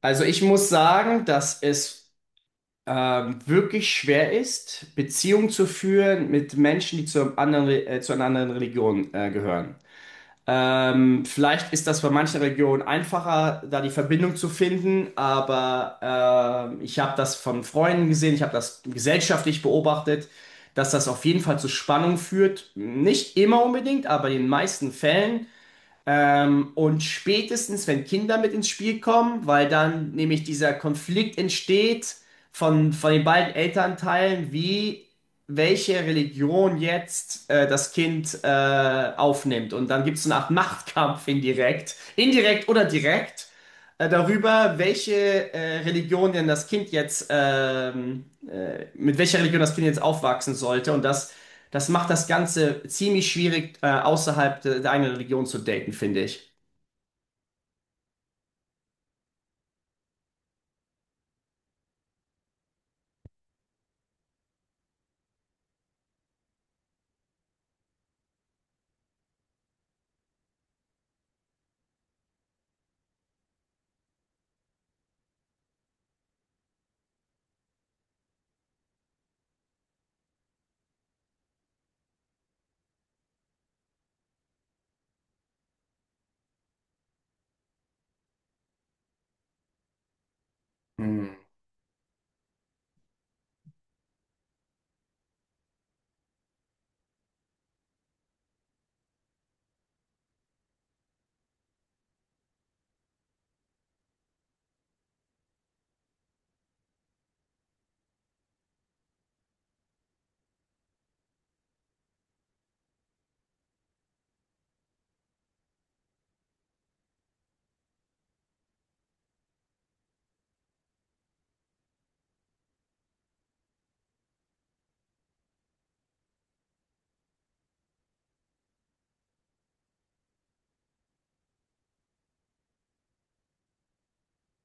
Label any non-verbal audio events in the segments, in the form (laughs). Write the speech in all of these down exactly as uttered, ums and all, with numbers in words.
Also ich muss sagen, dass es ähm, wirklich schwer ist, Beziehungen zu führen mit Menschen, die zu, einem anderen, Re- äh, zu einer anderen Religion äh, gehören. Ähm, vielleicht ist das bei manchen Regionen einfacher, da die Verbindung zu finden, aber ähm, ich habe das von Freunden gesehen, ich habe das gesellschaftlich beobachtet, dass das auf jeden Fall zu Spannung führt. Nicht immer unbedingt, aber in den meisten Fällen. Ähm, und spätestens, wenn Kinder mit ins Spiel kommen, weil dann nämlich dieser Konflikt entsteht von, von den beiden Elternteilen, wie welche Religion jetzt äh, das Kind äh, aufnimmt. Und dann gibt es so eine Art Machtkampf indirekt, indirekt oder direkt, äh, darüber, welche äh, Religion denn das Kind jetzt, ähm, äh, mit welcher Religion das Kind jetzt aufwachsen sollte. Und das das macht das Ganze ziemlich schwierig, äh, außerhalb de- der eigenen Religion zu daten, finde ich. Hm.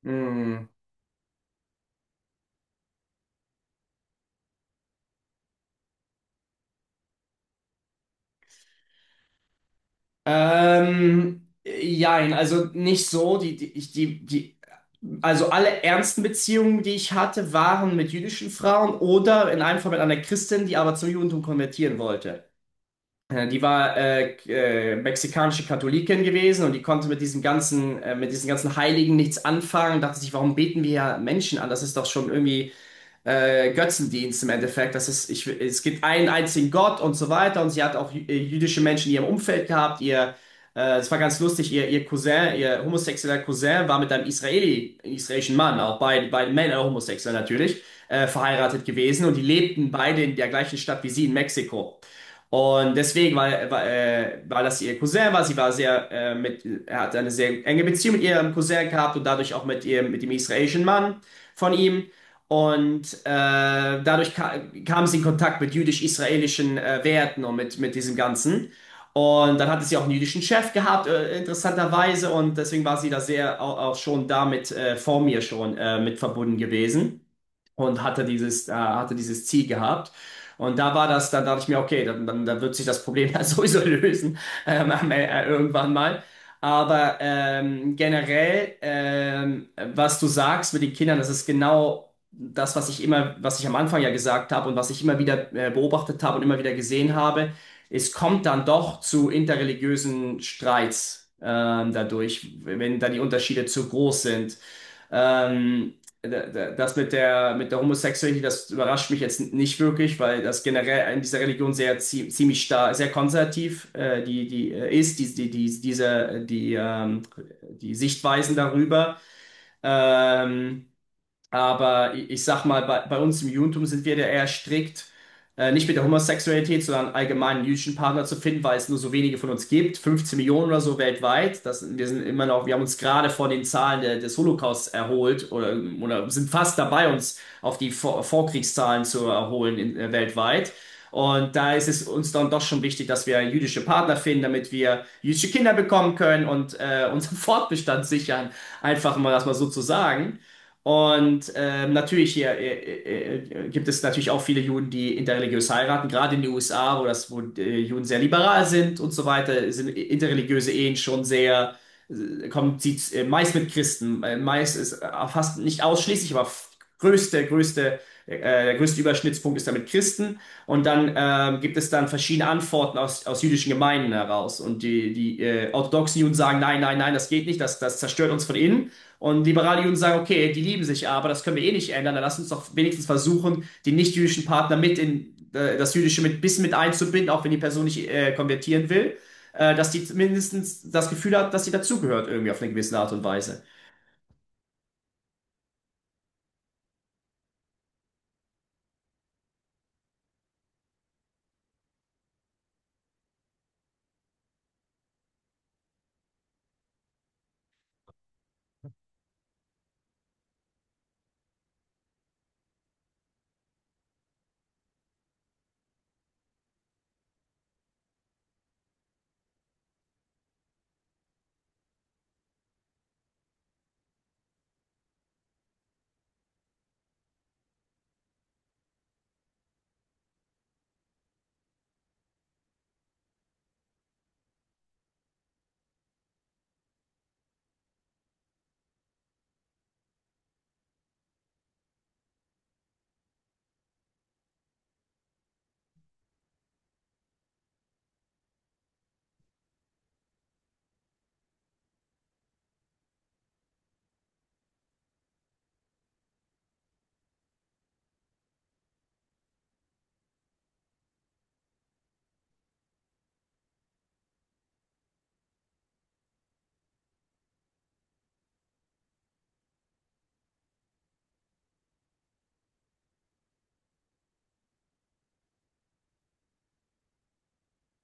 Hm. Ähm, jein, also nicht so. Die, die, ich- die, die, also alle ernsten Beziehungen, die ich hatte, waren mit jüdischen Frauen oder in einem Fall mit einer Christin, die aber zum Judentum konvertieren wollte. Äh, Die war äh, äh, mexikanische Katholikin gewesen und die konnte mit diesem ganzen, äh, mit diesen ganzen Heiligen nichts anfangen. Dachte sich, warum beten wir ja Menschen an? Das ist doch schon irgendwie äh, Götzendienst im Endeffekt. Das ist, ich, es gibt einen einzigen Gott und so weiter. Und sie hat auch jü- äh, jüdische Menschen in ihrem Umfeld gehabt. Ihr, äh, es war ganz lustig, ihr, ihr Cousin, ihr homosexueller Cousin war mit einem Israeli, israelischen Mann, auch beide, beide Männer homosexuell natürlich, äh, verheiratet gewesen. Und die lebten beide in der gleichen Stadt wie sie in Mexiko. Und deswegen, weil, weil, äh, weil das ihr Cousin war, sie war sehr, äh, mit, er hat eine sehr enge Beziehung mit ihrem Cousin gehabt und dadurch auch mit ihrem, mit dem israelischen Mann von ihm. Und äh, dadurch ka kam sie in Kontakt mit jüdisch-israelischen äh, Werten und mit, mit diesem Ganzen. Und dann hatte sie auch einen jüdischen Chef gehabt, äh, interessanterweise. Und deswegen war sie da sehr auch, auch schon damit äh, vor mir schon äh, mit verbunden gewesen und hatte dieses, äh, hatte dieses Ziel gehabt. Und da war das, dann dachte ich mir, okay, dann, dann, dann wird sich das Problem ja (laughs) sowieso lösen, ähm, am- äh, irgendwann mal. Aber ähm, generell, ähm, was du sagst mit den Kindern, das ist genau das, was ich immer, was ich am Anfang ja gesagt habe und was ich immer wieder äh, beobachtet habe und immer wieder gesehen habe. Es kommt dann doch zu interreligiösen Streits ähm, dadurch, wenn da die Unterschiede zu groß sind. Ähm, das mit der, mit der Homosexualität, das überrascht mich jetzt nicht wirklich, weil das generell in dieser Religion sehr zie- ziemlich stark, sehr konservativ äh, die, die äh, ist, die, die, die, diese, die, ähm, die Sichtweisen darüber. Ähm, aber ich, ich sag mal, bei, bei uns im Judentum sind wir da eher strikt, äh, nicht mit der Homosexualität, sondern allgemein einen jüdischen Partner zu finden, weil es nur so wenige von uns gibt, fünfzehn Millionen oder so weltweit. Das, wir sind immer noch, wir haben uns gerade von den Zahlen der, des Holocausts erholt oder, oder sind fast dabei, uns auf die Vor Vorkriegszahlen zu erholen in, äh, weltweit. Und da ist es uns dann doch schon wichtig, dass wir jüdische Partner finden, damit wir jüdische Kinder bekommen können und äh, unseren (laughs) Fortbestand sichern. Einfach mal das mal so zu sagen. Und ähm, natürlich hier äh, äh, äh, gibt es natürlich auch viele Juden, die interreligiös heiraten, gerade in den U S A, wo das, wo äh, Juden sehr liberal sind und so weiter, sind interreligiöse Ehen schon sehr, äh, kommt sieht äh, meist mit Christen, äh, meist ist äh, fast nicht ausschließlich, aber f- größte, größte, äh, der größte Überschnittspunkt ist damit Christen. Und dann ähm, gibt es dann verschiedene Antworten aus, aus jüdischen Gemeinden heraus. Und die, die äh, orthodoxen Juden sagen, nein, nein, nein, das geht nicht, das, das zerstört uns von innen. Und liberale Juden sagen, okay, die lieben sich aber, das können wir eh nicht ändern, dann lass uns doch wenigstens versuchen, den nicht-jüdischen Partner mit in äh, das Jüdische mit bis mit einzubinden, auch wenn die Person nicht äh, konvertieren will, äh, dass die mindestens das Gefühl hat, dass sie dazugehört irgendwie auf eine gewisse Art und Weise.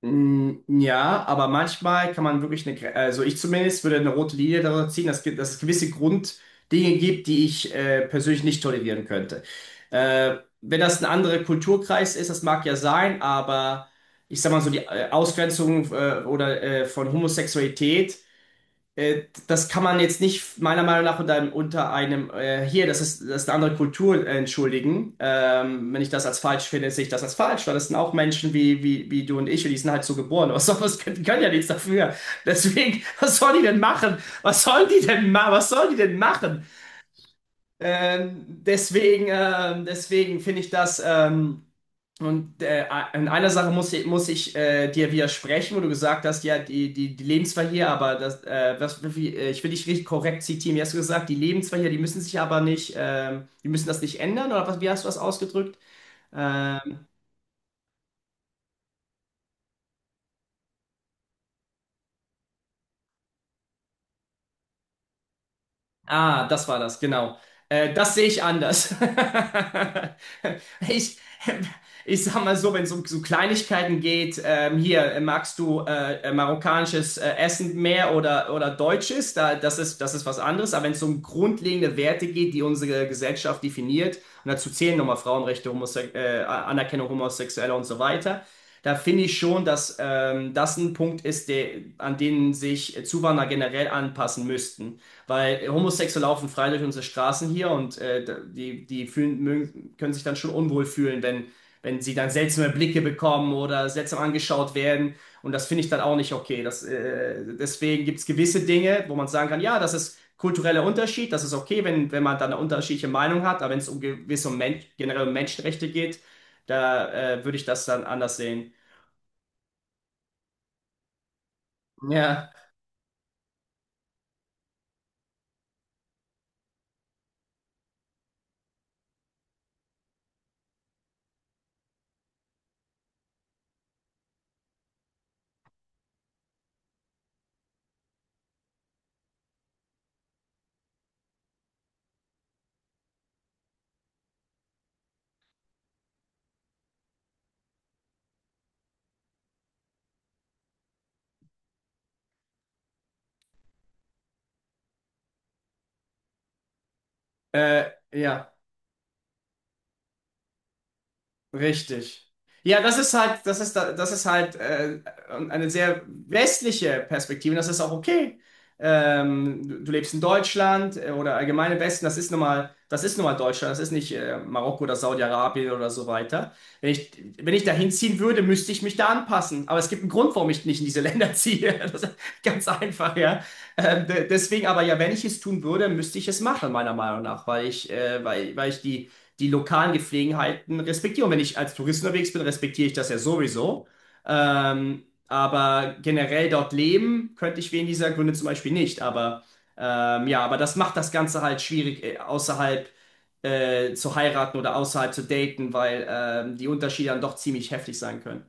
Mm. Ja, aber manchmal kann man wirklich eine, Gre- also ich zumindest würde eine rote Linie darüber ziehen, dass, ge- dass es gewisse Grunddinge gibt, die ich äh, persönlich nicht tolerieren könnte. Äh, wenn das ein anderer Kulturkreis ist, das mag ja sein, aber ich sag mal so die äh, Ausgrenzung äh, oder äh, von Homosexualität äh, das kann man jetzt nicht meiner Meinung nach unter einem, unter einem äh, hier, das ist, das ist eine andere Kultur, äh, entschuldigen. Ähm, wenn ich das als falsch finde, sehe ich das als falsch, weil das sind auch Menschen wie, wie, wie du und ich und die sind halt so geboren. Was soll, was können, die können ja nichts dafür. Deswegen, (laughs) was sollen die denn machen? Was sollen die denn ma was sollen die denn machen? Ähm, deswegen, ähm, deswegen finde ich das. Ähm, und äh, in einer Sache muss ich, muss ich äh, dir widersprechen, wo du gesagt hast, ja, die, die, die leben hier, aber das, äh, was, wie, äh, ich will dich richtig korrekt zitieren. Wie hast du gesagt, die leben hier, die müssen sich aber nicht, ähm, die müssen das nicht ändern, oder was, wie hast du das ausgedrückt? Äh, Ah, das war das, genau. Äh, das sehe ich anders. (laughs) Ich, ich sag mal so, wenn es um so Kleinigkeiten geht, ähm, hier, äh, magst du äh, äh, marokkanisches äh, Essen mehr oder, oder deutsches? Da, das ist, das ist was anderes. Aber wenn es um grundlegende Werte geht, die unsere Gesellschaft definiert, und dazu zählen nochmal Frauenrechte, Homose äh, Anerkennung Homosexueller und so weiter, da finde ich schon, dass ähm, das ein Punkt ist, der, an den sich Zuwanderer generell anpassen müssten. Weil Homosexuelle laufen frei durch unsere Straßen hier und äh, die, die fühlen, mögen, können sich dann schon unwohl fühlen, wenn, wenn sie dann seltsame Blicke bekommen oder seltsam angeschaut werden. Und das finde ich dann auch nicht okay. Das, äh, deswegen gibt es gewisse Dinge, wo man sagen kann, ja, das ist kultureller Unterschied, das ist okay, wenn, wenn man dann eine unterschiedliche Meinung hat, aber wenn es um gewisse Men generell um Menschenrechte geht, da äh, würde ich das dann anders sehen. Ja, äh, ja. Richtig. Ja, das ist halt, das ist, da- das ist halt äh, eine sehr westliche Perspektive. Das ist auch okay. Ähm, du, du lebst in Deutschland äh, oder allgemein im Westen. Das ist nun mal, das ist nun mal Deutschland. Das ist nicht äh, Marokko oder Saudi-Arabien oder so weiter. Wenn ich, wenn ich dahin ziehen würde, müsste ich mich da anpassen. Aber es gibt einen Grund, warum ich nicht in diese Länder (laughs) ziehe. Das ist ganz einfach, ja. Ähm, de- deswegen aber ja, wenn ich es tun würde, müsste ich es machen, meiner Meinung nach, weil ich, äh, weil, weil ich die die lokalen Gepflogenheiten respektiere. Und wenn ich als Tourist unterwegs bin, respektiere ich das ja sowieso. Ähm, aber generell dort leben könnte ich wegen dieser Gründe zum Beispiel nicht. Aber ähm, ja, aber das macht das Ganze halt schwierig, äh, außerhalb äh, zu heiraten oder außerhalb zu daten, weil ähm, die Unterschiede dann doch ziemlich heftig sein können.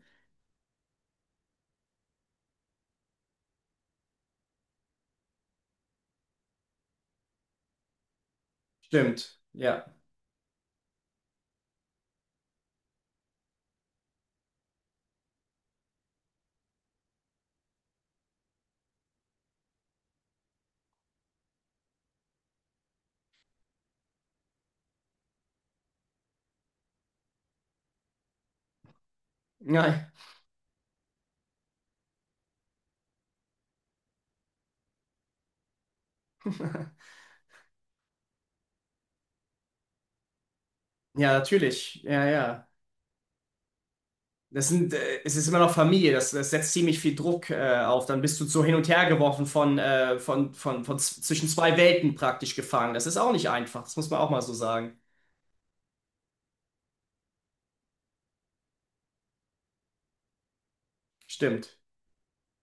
Stimmt, ja. Ja, ja, natürlich. Ja, ja. Das sind, äh, es ist immer noch Familie, das, das setzt ziemlich viel Druck äh, auf. Dann bist du so hin und her geworfen von, äh, von, von, von z- zwischen zwei Welten praktisch gefangen. Das ist auch nicht einfach, das muss man auch mal so sagen. Stimmt.